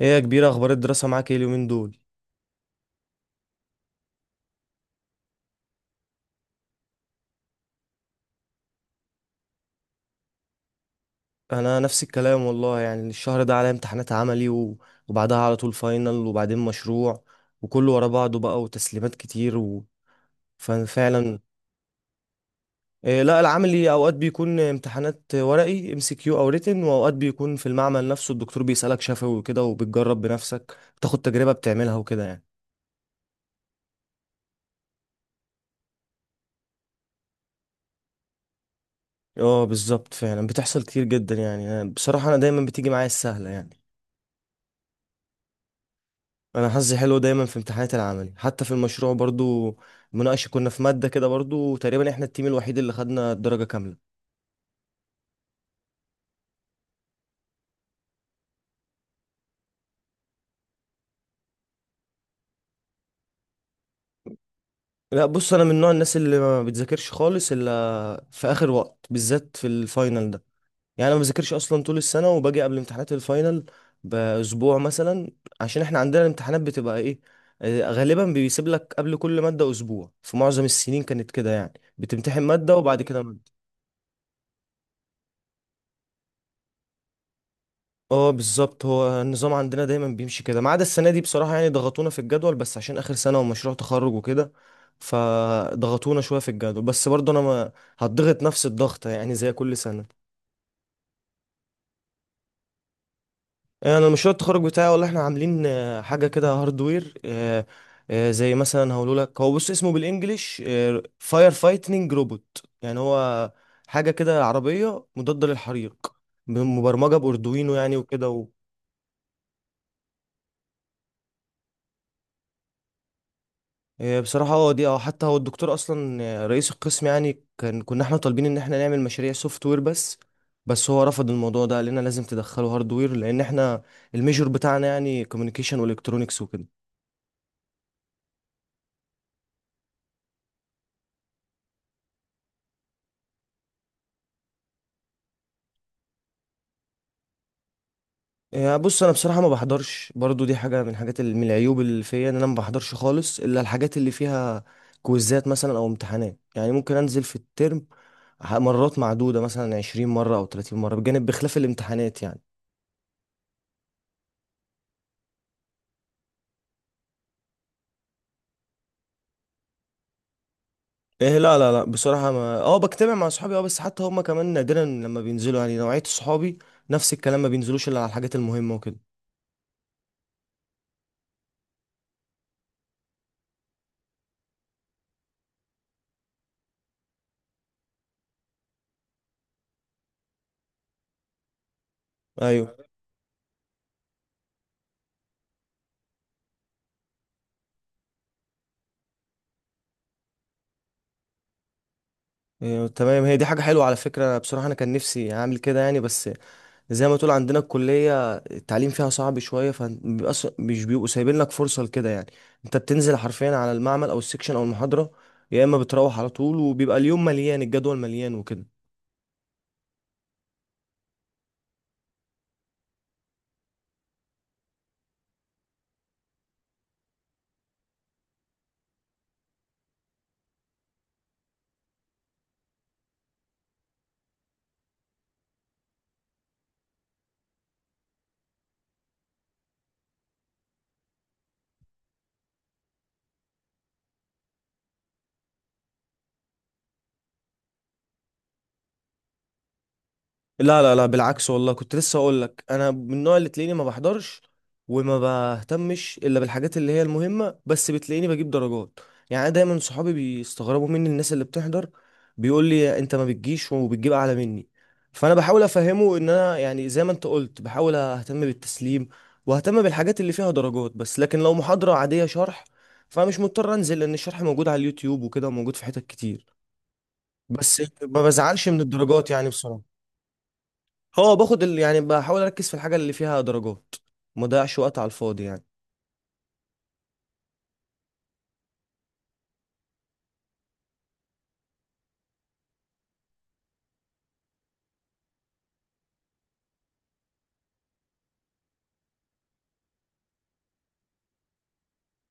ايه يا كبير، اخبار الدراسة معاك ايه اليومين دول؟ انا نفس الكلام والله. يعني الشهر ده عليا امتحانات عملي وبعدها على طول فاينل وبعدين مشروع. وكله ورا بعضه بقى وتسليمات كتير ففعلا. إيه، لا، العملي اوقات بيكون امتحانات ورقي، ام سي كيو او ريتن، واوقات بيكون في المعمل نفسه الدكتور بيسألك شفوي وكده، وبتجرب بنفسك، بتاخد تجربة بتعملها وكده يعني. اه بالظبط، فعلا بتحصل كتير جدا يعني. بصراحة انا دايما بتيجي معايا السهلة يعني. انا حظي حلو دايما في امتحانات العملي، حتى في المشروع برضو مناقشه، كنا في ماده كده برضو تقريبا احنا التيم الوحيد اللي خدنا الدرجه كامله. لا، بص، انا من نوع الناس اللي ما بتذاكرش خالص الا في اخر وقت، بالذات في الفاينل ده. يعني انا ما بذاكرش اصلا طول السنه، وباجي قبل امتحانات الفاينل باسبوع مثلا. عشان احنا عندنا الامتحانات بتبقى ايه، غالبا بيسيب لك قبل كل ماده اسبوع. في معظم السنين كانت كده يعني، بتمتحن ماده وبعد كده. اه بالظبط، هو النظام عندنا دايما بيمشي كده، ما عدا السنه دي بصراحه، يعني ضغطونا في الجدول بس عشان اخر سنه ومشروع تخرج وكده. فضغطونا شويه في الجدول، بس برضه انا ما هتضغط نفس الضغط يعني زي كل سنه. انا مشروع التخرج بتاعي والله احنا عاملين حاجه كده هاردوير. زي مثلا هقول لك، هو بص اسمه بالانجلش فاير فايتنج روبوت، يعني هو حاجه كده عربيه مضاده للحريق، مبرمجه باردوينو يعني وكده. إيه بصراحة، هو دي حتى هو الدكتور أصلا رئيس القسم يعني، كان كنا احنا طالبين إن احنا نعمل مشاريع سوفت وير بس هو رفض الموضوع ده، قال لنا لازم تدخلوا هاردوير، لأن احنا الميجور بتاعنا يعني كوميونيكيشن والكترونكس وكده. إيه، بص، أنا بصراحة ما بحضرش برضو، دي حاجة من حاجات من العيوب اللي فيا، إن أنا ما بحضرش خالص إلا الحاجات اللي فيها كويزات مثلا أو امتحانات. يعني ممكن أنزل في الترم مرات معدودة، مثلا 20 مرة أو 30 مرة، بجانب بخلاف الامتحانات يعني. ايه، لا لا لا، بصراحة ما بجتمع مع صحابي بس حتى هما كمان نادرا لما بينزلوا، يعني نوعية صحابي نفس الكلام، ما بينزلوش الا على الحاجات المهمة وكده. ايوه. إيه تمام، هي دي حاجة حلوة على فكرة. أنا بصراحة انا كان نفسي اعمل كده يعني، بس زي ما تقول عندنا الكلية التعليم فيها صعب شوية، فبيبقى مش بيبقوا سايبين لك فرصة لكده يعني. انت بتنزل حرفيا على المعمل او السكشن او المحاضرة، يا اما بتروح على طول وبيبقى اليوم مليان، الجدول مليان وكده. لا لا لا، بالعكس والله، كنت لسه اقول لك، انا من النوع اللي تلاقيني ما بحضرش وما بهتمش الا بالحاجات اللي هي المهمه، بس بتلاقيني بجيب درجات. يعني أنا دايما صحابي بيستغربوا مني، الناس اللي بتحضر بيقول لي انت ما بتجيش وبتجيب اعلى مني، فانا بحاول افهمه ان انا يعني زي ما انت قلت بحاول اهتم بالتسليم واهتم بالحاجات اللي فيها درجات بس، لكن لو محاضره عاديه شرح فمش مضطر انزل، لان الشرح موجود على اليوتيوب وكده، وموجود في حتت كتير. بس ما بزعلش من الدرجات يعني بصراحه. هو باخد يعني بحاول اركز في الحاجه اللي فيها درجات، ما اضيعش وقت على الفاضي يعني.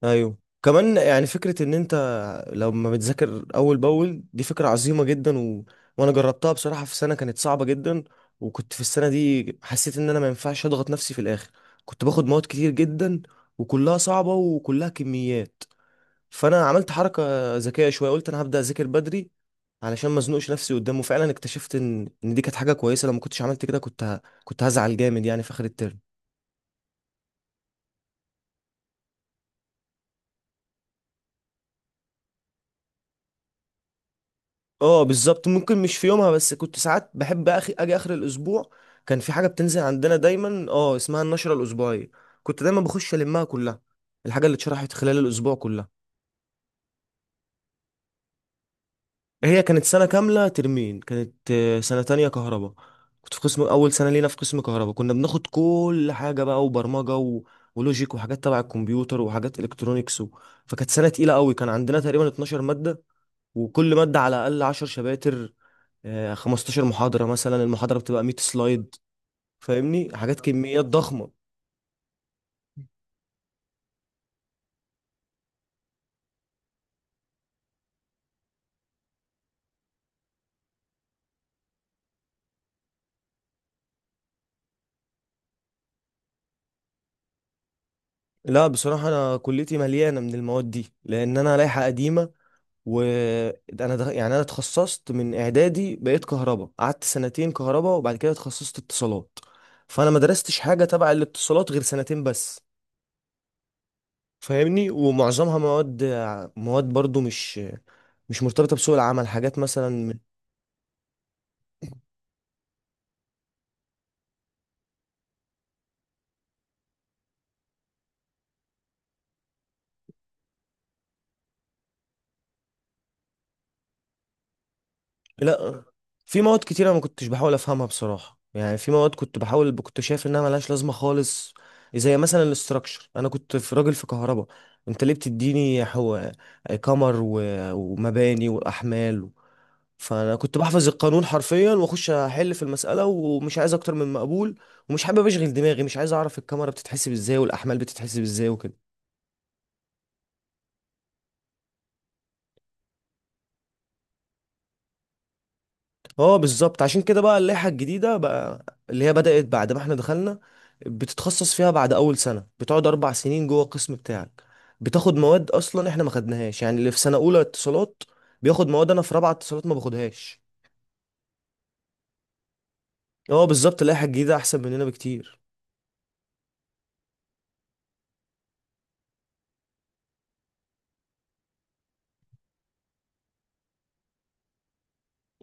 ايوه كمان، يعني فكره ان انت لما بتذاكر اول باول دي فكره عظيمه جدا، وانا جربتها بصراحه. في سنه كانت صعبه جدا، وكنت في السنه دي حسيت ان انا ما ينفعش اضغط نفسي في الاخر، كنت باخد مواد كتير جدا وكلها صعبه وكلها كميات، فانا عملت حركه ذكيه شويه، قلت انا هبدا اذاكر بدري. علشان ما ازنقش نفسي قدامه. فعلا اكتشفت ان دي كانت حاجه كويسه، لو ما كنتش عملت كده كنت هزعل جامد يعني في اخر الترم. اه بالظبط، ممكن مش في يومها، بس كنت ساعات بحب اخي اجي اخر الاسبوع. كان في حاجه بتنزل عندنا دايما اسمها النشره الاسبوعيه، كنت دايما بخش المها كلها، الحاجه اللي اتشرحت خلال الاسبوع كلها. هي كانت سنة كاملة، ترمين، كانت سنة تانية كهرباء. كنت في قسم أول سنة لينا في قسم كهرباء، كنا بناخد كل حاجة بقى، وبرمجة ولوجيك، وحاجات تبع الكمبيوتر، وحاجات إلكترونيكس، فكانت سنة تقيلة قوي. كان عندنا تقريبا 12 مادة، وكل مادة على الأقل 10 شباتر، 15 محاضرة، مثلا المحاضرة بتبقى 100 سلايد، فاهمني، حاجات كميات ضخمة. لا بصراحة أنا كليتي مليانة من المواد دي، لأن أنا لائحة قديمة. وانا يعني انا اتخصصت من اعدادي، بقيت كهرباء، قعدت سنتين كهرباء، وبعد كده اتخصصت اتصالات. فانا ما درستش حاجه تبع الاتصالات غير سنتين بس. فاهمني، ومعظمها مواد. مواد برضو مش مرتبطه بسوق العمل، حاجات مثلا. لا، في مواد كتير انا ما كنتش بحاول افهمها بصراحه يعني، في مواد كنت بحاول كنت شايف انها ملهاش لازمه خالص. زي مثلا الاستراكشر، انا كنت في راجل في كهرباء، انت ليه بتديني قمر ومباني واحمال؟ فانا كنت بحفظ القانون حرفيا واخش احل في المساله، ومش عايز اكتر من مقبول، ومش حابب اشغل دماغي، مش عايز اعرف الكاميرا بتتحسب ازاي والاحمال بتتحسب ازاي وكده. اه بالظبط، عشان كده بقى اللائحة الجديدة بقى اللي هي بدأت بعد ما احنا دخلنا، بتتخصص فيها بعد أول سنة، بتقعد أربع سنين جوه القسم بتاعك، بتاخد مواد أصلا احنا ما خدناهاش، يعني اللي في سنة أولى اتصالات بياخد مواد أنا في رابعة اتصالات ما باخدهاش. اه بالظبط، اللائحة الجديدة أحسن مننا بكتير.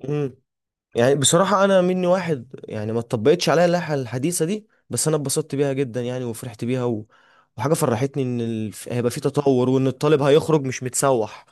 امم يعني بصراحة أنا مني واحد يعني ما اتطبقتش عليا اللائحة الحديثة دي، بس أنا اتبسطت بيها جدا يعني، وفرحت بيها، وحاجة فرحتني إن هيبقى في تطور، وإن الطالب هيخرج مش متسوح.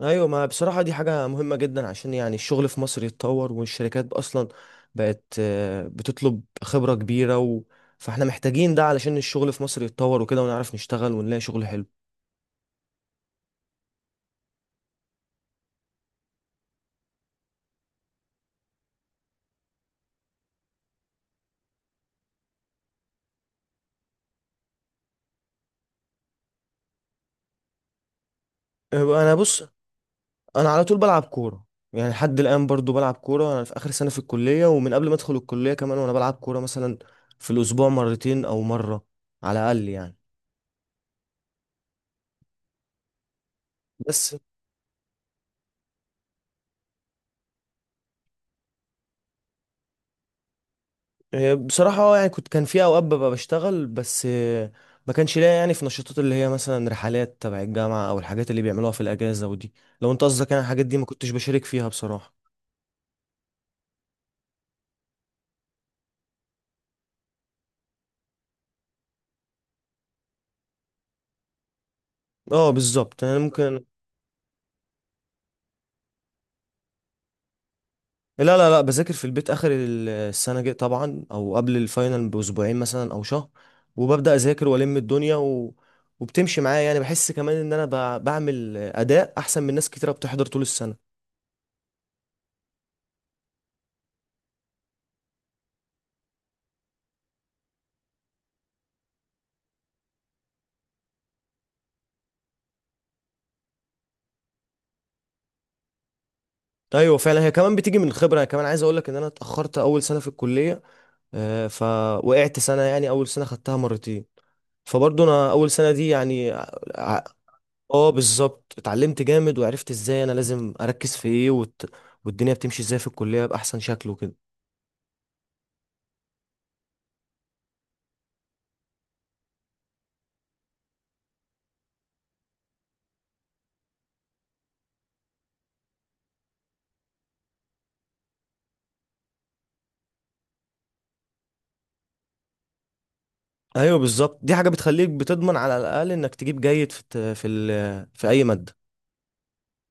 ايوه، ما بصراحه دي حاجه مهمه جدا، عشان يعني الشغل في مصر يتطور، والشركات اصلا بقت بتطلب خبره كبيره، فاحنا محتاجين ده علشان الشغل في مصر يتطور وكده، ونعرف نشتغل ونلاقي شغل حلو. انا بص، انا على طول بلعب كوره. يعني لحد الان برضو بلعب كوره، انا في اخر سنه في الكليه ومن قبل ما ادخل الكليه كمان وانا بلعب كوره، مثلا في الاسبوع مرتين او مره على الاقل يعني. بس. بصراحة يعني كنت كان في أوقات ببقى بشتغل، بس ما كانش ليا يعني في نشاطات اللي هي مثلا رحلات تبع الجامعة أو الحاجات اللي بيعملوها في الأجازة ودي. لو أنت قصدك يعني الحاجات دي ما كنتش بشارك فيها بصراحة. اه بالظبط، أنا ممكن. لا لا لا، بذاكر في البيت آخر السنة جاي طبعا، أو قبل الفاينل بأسبوعين مثلا أو شهر، وببدأ أذاكر وألم الدنيا، وبتمشي معايا، يعني بحس كمان إن أنا بعمل أداء أحسن من ناس كتيرة بتحضر طول السنة. ايوه، فعلا هي كمان بتيجي من الخبره. أنا كمان عايز اقول لك ان انا اتاخرت اول سنه في الكليه، فوقعت سنة، يعني أول سنة خدتها مرتين. فبرضه أنا أول سنة دي يعني ع- اه بالظبط، اتعلمت جامد وعرفت ازاي أنا لازم أركز في ايه، والدنيا بتمشي ازاي في الكلية بأحسن شكل وكده. ايوه بالظبط، دي حاجة بتخليك بتضمن على الأقل إنك تجيب جيد في الت- في ال... في أي مادة